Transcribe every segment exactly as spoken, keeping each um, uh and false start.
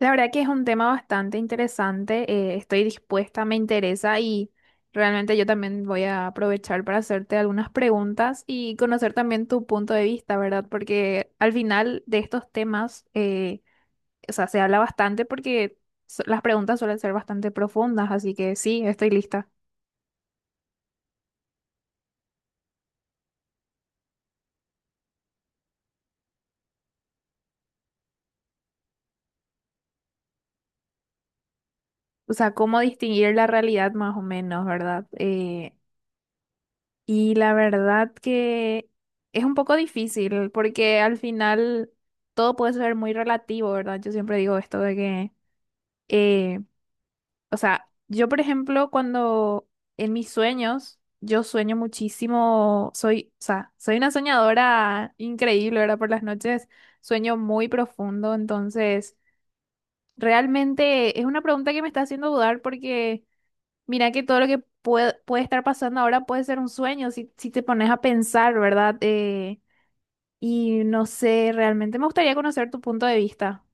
La verdad que es un tema bastante interesante, eh, estoy dispuesta, me interesa y realmente yo también voy a aprovechar para hacerte algunas preguntas y conocer también tu punto de vista, ¿verdad? Porque al final de estos temas, eh, o sea, se habla bastante porque so- las preguntas suelen ser bastante profundas, así que sí, estoy lista. O sea, cómo distinguir la realidad más o menos, ¿verdad? Eh, Y la verdad que es un poco difícil porque al final todo puede ser muy relativo, ¿verdad? Yo siempre digo esto de que, eh, o sea, yo por ejemplo cuando en mis sueños, yo sueño muchísimo, soy, o sea, soy una soñadora increíble, ¿verdad? Por las noches sueño muy profundo, entonces realmente es una pregunta que me está haciendo dudar porque mira que todo lo que puede, puede estar pasando ahora puede ser un sueño si, si te pones a pensar, ¿verdad? Eh, y no sé, realmente me gustaría conocer tu punto de vista.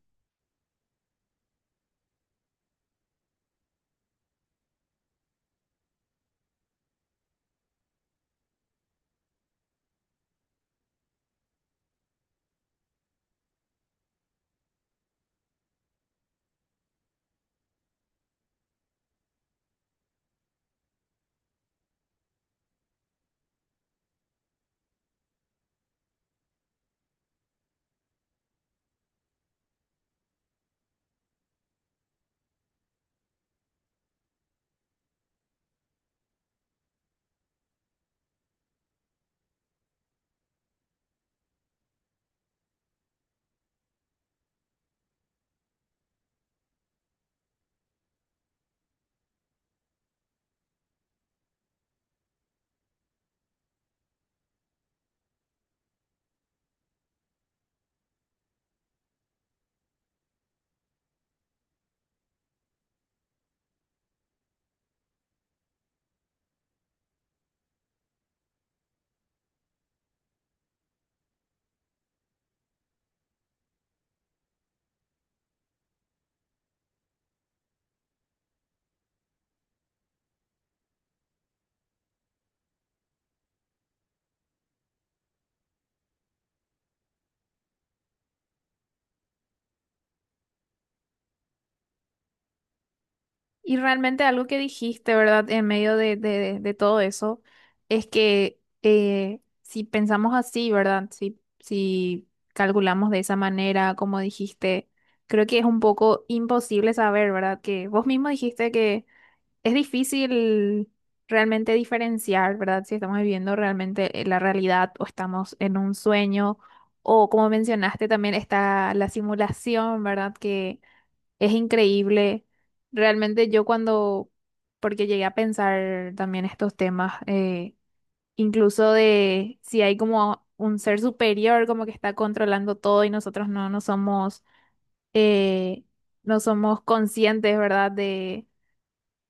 Y realmente algo que dijiste, ¿verdad? En medio de, de- de todo eso, es que eh, si pensamos así, ¿verdad? Si, si calculamos de esa manera, como dijiste, creo que es un poco imposible saber, ¿verdad? Que vos mismo dijiste que es difícil realmente diferenciar, ¿verdad? Si estamos viviendo realmente eh, la realidad o estamos en un sueño, o como mencionaste también está la simulación, ¿verdad? Que es increíble. Realmente yo cuando, porque llegué a pensar también estos temas, eh, incluso de si hay como un ser superior como que está controlando todo y nosotros no, no somos, eh, no somos conscientes, ¿verdad? De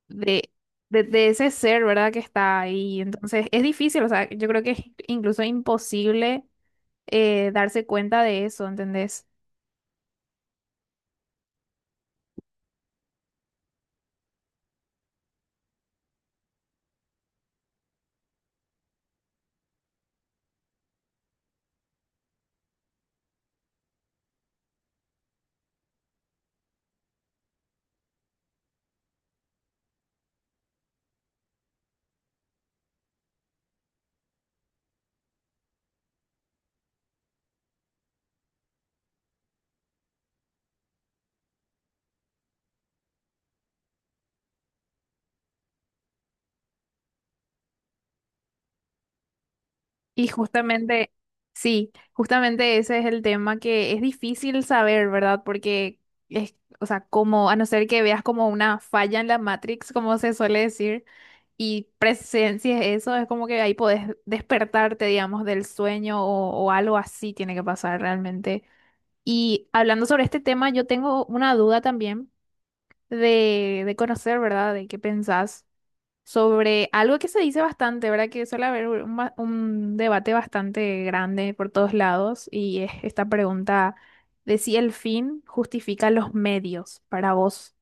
de, de, de ese ser, ¿verdad? Que está ahí. Entonces es difícil, o sea, yo creo que es incluso imposible eh, darse cuenta de eso, ¿entendés? Y justamente, sí, justamente ese es el tema que es difícil saber, ¿verdad? Porque es, o sea, como, a no ser que veas como una falla en la Matrix, como se suele decir, y presencias eso, es como que ahí podés despertarte, digamos, del sueño o, o algo así tiene que pasar realmente. Y hablando sobre este tema, yo tengo una duda también de, de conocer, ¿verdad? De qué pensás sobre algo que se dice bastante, ¿verdad? Que suele haber un, ba- un debate bastante grande por todos lados y es esta pregunta de si el fin justifica los medios para vos.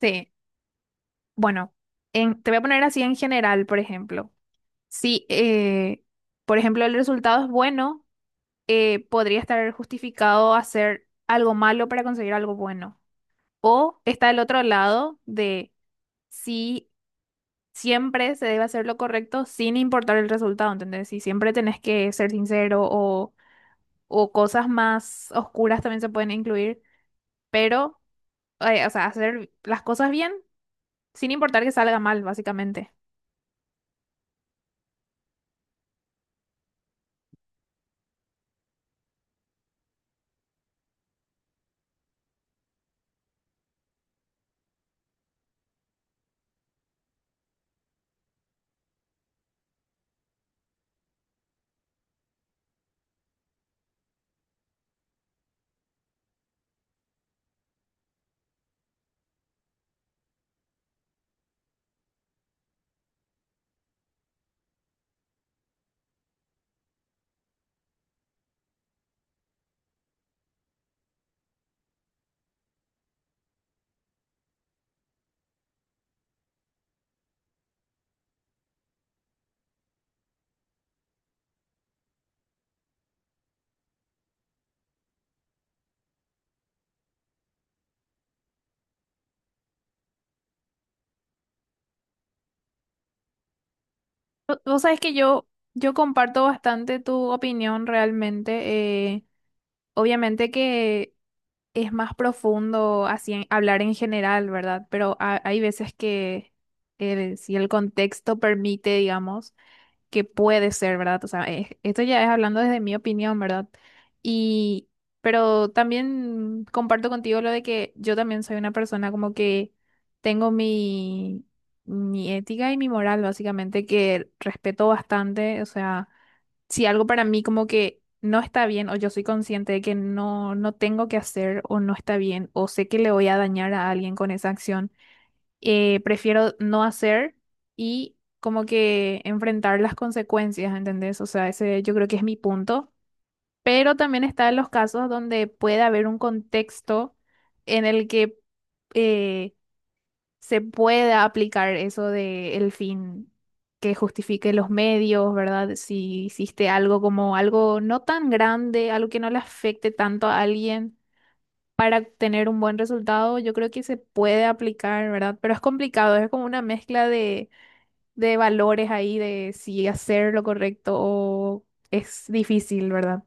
Sí. Bueno, en- te voy a poner así en general, por ejemplo. Si, eh, por ejemplo, el resultado es bueno, eh, podría estar justificado hacer algo malo para conseguir algo bueno. O está el otro lado de si siempre se debe hacer lo correcto sin importar el resultado, ¿entendés? Si siempre tenés que ser sincero o, o cosas más oscuras también se pueden incluir, pero, eh, o sea, hacer las cosas bien sin importar que salga mal, básicamente. Vo- Vos sabés que yo, yo comparto bastante tu opinión realmente. Eh, obviamente que es más profundo así en- hablar en general, ¿verdad? Pero ha- hay veces que eh, si el contexto permite, digamos, que puede ser, ¿verdad? O sea, es- esto ya es hablando desde mi opinión, ¿verdad? Y, pero también comparto contigo lo de que yo también soy una persona como que tengo mi, mi ética y mi moral, básicamente, que respeto bastante, o sea si algo para mí como que no está bien o yo soy consciente de que no, no tengo que hacer o no está bien o sé que le voy a dañar a alguien con esa acción, eh, prefiero no hacer y como que enfrentar las consecuencias, ¿entendés? O sea, ese yo creo que es mi punto. Pero también está en los casos donde puede haber un contexto en el que eh, se pueda aplicar eso de el fin que justifique los medios, ¿verdad? Si hiciste algo como algo no tan grande, algo que no le afecte tanto a alguien para tener un buen resultado, yo creo que se puede aplicar, ¿verdad? Pero es complicado, es como una mezcla de, de valores ahí de si hacer lo correcto o es difícil, ¿verdad?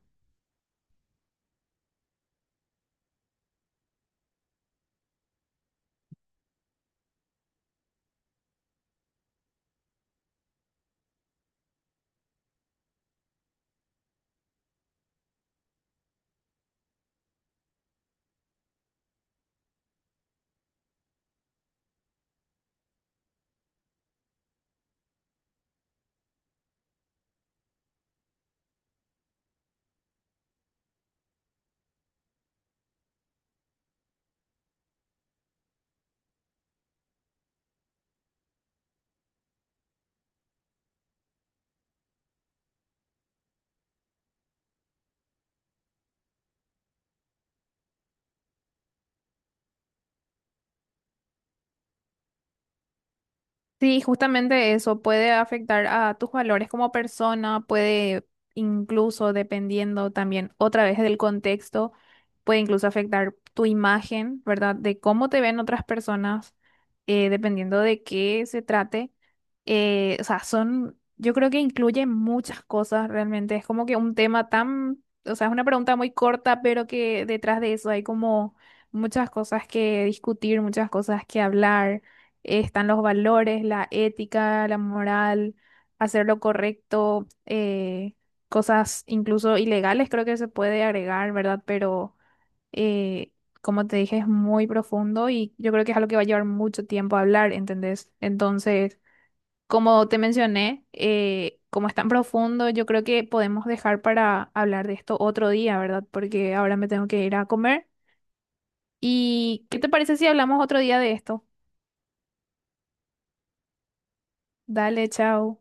Sí, justamente eso puede afectar a tus valores como persona, puede incluso, dependiendo también otra vez del contexto, puede incluso afectar tu imagen, ¿verdad? De cómo te ven otras personas, eh, dependiendo de qué se trate. Eh, o sea, son, yo creo que incluye muchas cosas realmente. Es como que un tema tan, o sea, es una pregunta muy corta, pero que detrás de eso hay como muchas cosas que discutir, muchas cosas que hablar eh, están los valores, la ética, la moral, hacer lo correcto, eh, cosas incluso ilegales creo que se puede agregar, ¿verdad? Pero eh, como te dije, es muy profundo y yo creo que es algo que va a llevar mucho tiempo hablar, ¿entendés? Entonces, como te mencioné, eh, como es tan profundo, yo creo que podemos dejar para hablar de esto otro día, ¿verdad? Porque ahora me tengo que ir a comer. ¿Y qué te parece si hablamos otro día de esto? Dale, chao.